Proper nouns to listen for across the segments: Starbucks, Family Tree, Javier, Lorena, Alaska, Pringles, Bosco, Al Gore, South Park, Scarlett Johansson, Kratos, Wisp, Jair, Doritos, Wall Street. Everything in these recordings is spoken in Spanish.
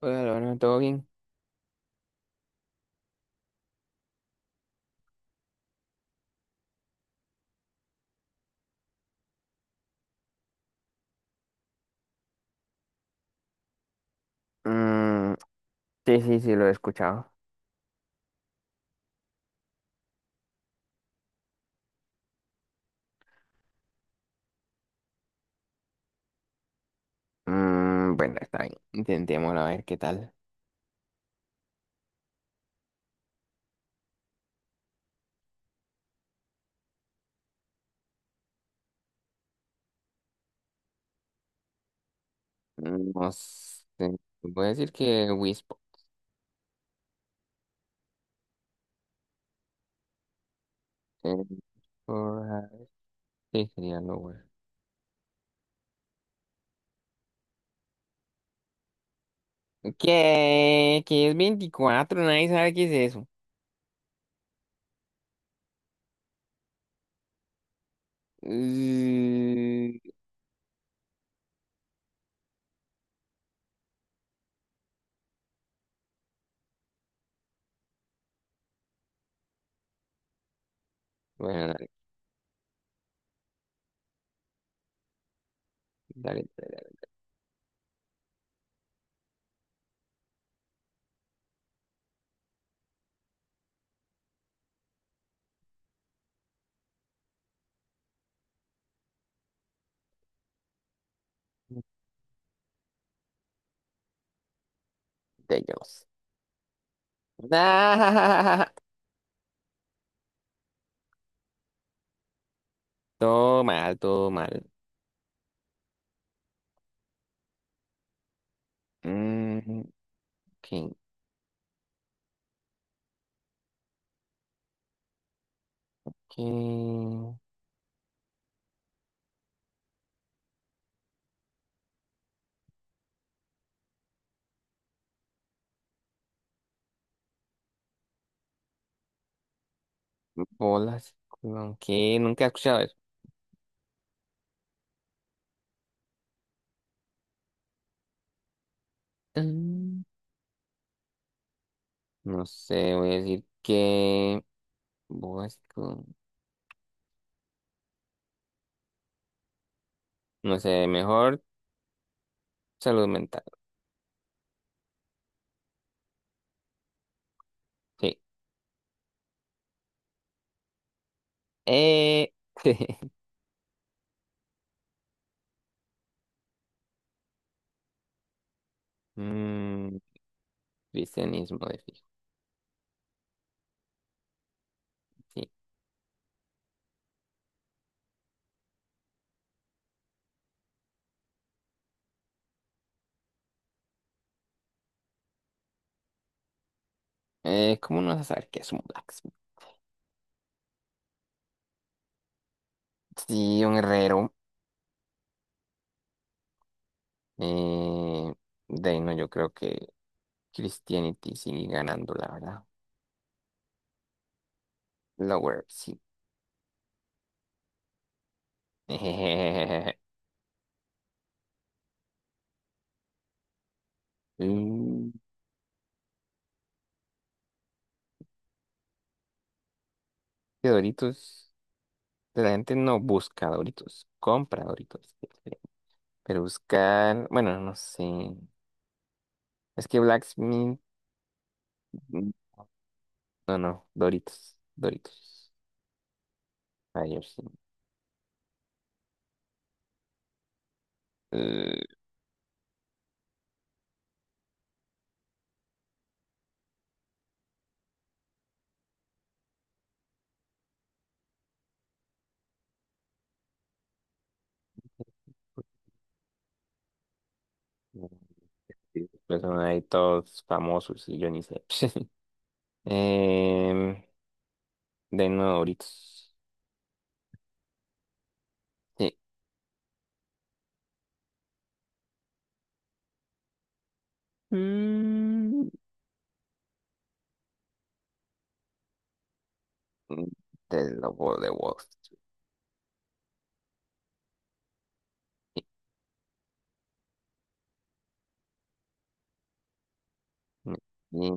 Hola, Lorena, ¿todo bien? Mm, sí, sí, sí, lo he escuchado. Bueno, está bien. Intentémoslo a ver qué tal. No sé. Voy a decir que Wisp. eh, por, ah, sí, sería lo bueno. ¿Qué? ¿Qué es veinticuatro? Nadie sabe qué es eso. Mm, Bueno, dale, dale, dale, dale. De ellos. Ah, todo mal, todo mal. Mm, ¿qué, qué bolas? ¿Qué? Nunca he escuchado. Mm, No sé, voy a decir que Bosco. No sé, mejor salud mental. Sí. Eh, mm, cristianismo de fijo. Sí. ¿Cómo no vas a saber qué es un blacksmith? Sí, un herrero. Eh, de ahí no, yo creo que Christianity sigue ganando, la verdad. Lower, sí. Mm, que Doritos. La gente no busca Doritos, compra Doritos. Pero buscar, bueno, no sé. Es que Blacksmith, mm, no, no, Doritos, Doritos. Ayer sí. Eh, sí, pues son ahí todos famosos y yo ni sé. Em, de nuevo, Doritos. Sí. Mm, Del lobo de Wall Street. Y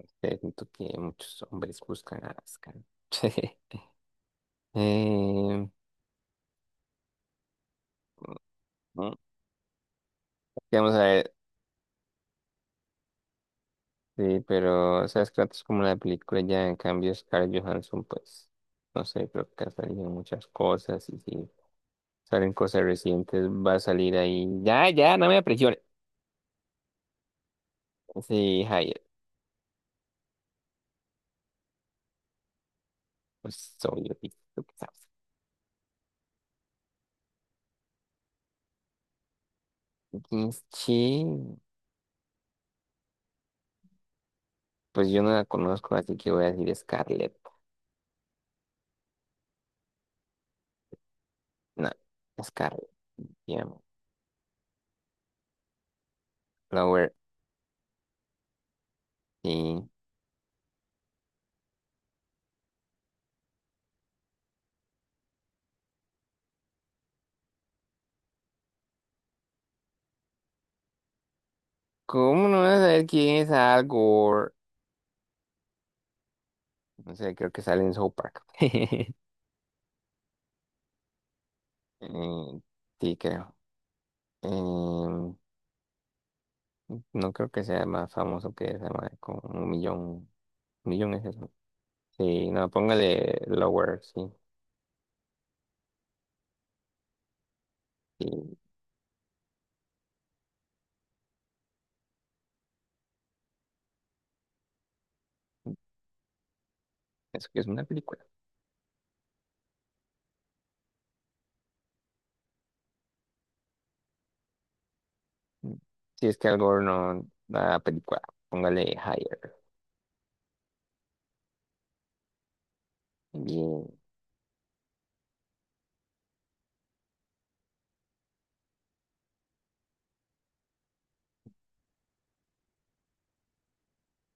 que siento que muchos hombres buscan a Alaska. Em, mm, mm, Vamos a ver. Sí, pero, o sea, ¿sabes? Kratos como la película ya, en cambio, Scarlett Johansson, pues, no sé, creo que ha salido en muchas cosas y si salen cosas recientes va a salir ahí. Ya, ya, no me apresiones. Sí, Jair, pues, soy yo, sí, tú qué sabes. Entonces, sí, pues yo no la conozco, así que voy a decir Scarlett. No, Scarlett, digamos. Flower, sí. ¿Cómo no vas a saber quién es Al Gore? No sé, creo que sale en South Park. Eh, sí, creo. Em, No creo que sea más famoso que esa madre, con un millón. Un millón es eso. Sí, no, póngale Lower, sí. Sí, eso que es una película. Si es que algo no da película, póngale Higher. Bien.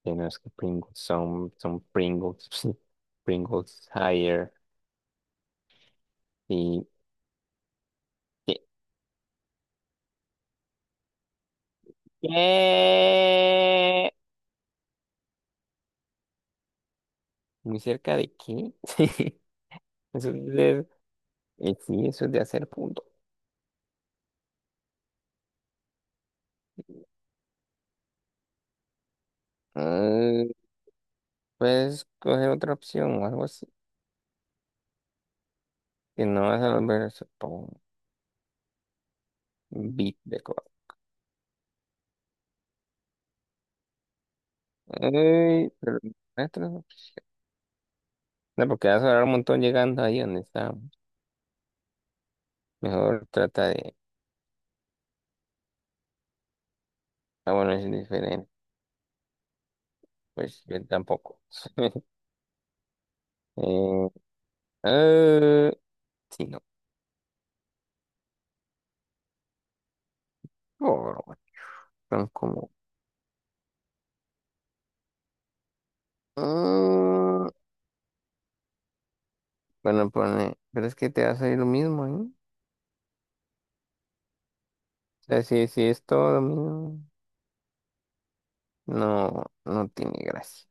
Que no es que Pringles son, son Pringles. Pringles Higher. Y. ¿Qué? ¿Qué? ¿Muy cerca de qué? Sí. Eso es de, sí, eso es de hacer punto. Ah, puedes coger otra opción o algo. Y no vas a volver a hacer un bit de cosas. Ey, pero maestro, no, no, porque vas a hablar un montón llegando ahí donde está. Mejor trata de. Ah, bueno, es diferente. Pues yo tampoco. eh, eh, sí, no. Por, bueno, son como. mm, bueno, pone. Pero es que te va a salir lo mismo, ¿eh? O sea, si es todo lo mismo, no, no tiene gracia.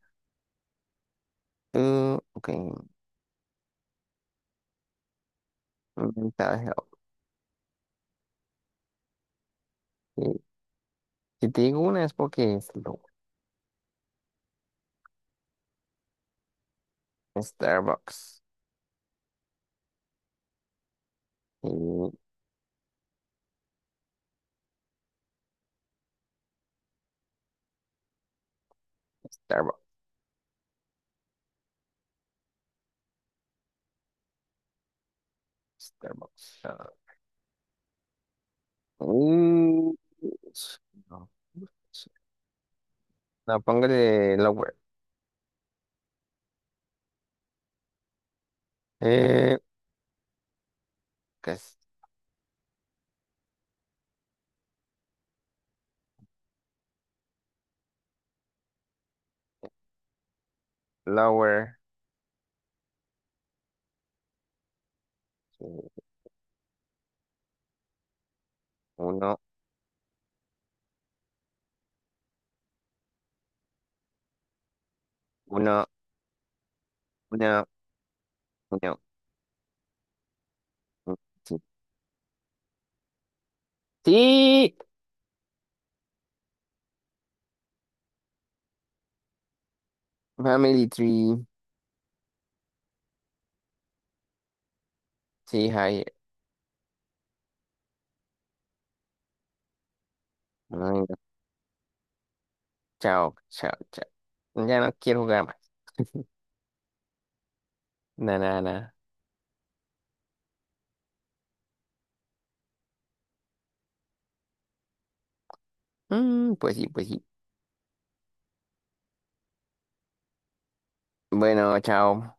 Ok. Mensaje. Ok. Si te digo una es porque es loco. Starbucks. Mm, Starbucks. Starbucks. Ah, mm, no, no, póngale lower. Eh, ¿Qué es? Lower. Sí, uno, uno, uno, uno. Mm, sí. Sí, Family Tree. Sí, Javier. Ay, no. Chao, chao, chao. Ya no quiero jugar más. Na, na, na. Pues sí, pues sí. Bueno, chao.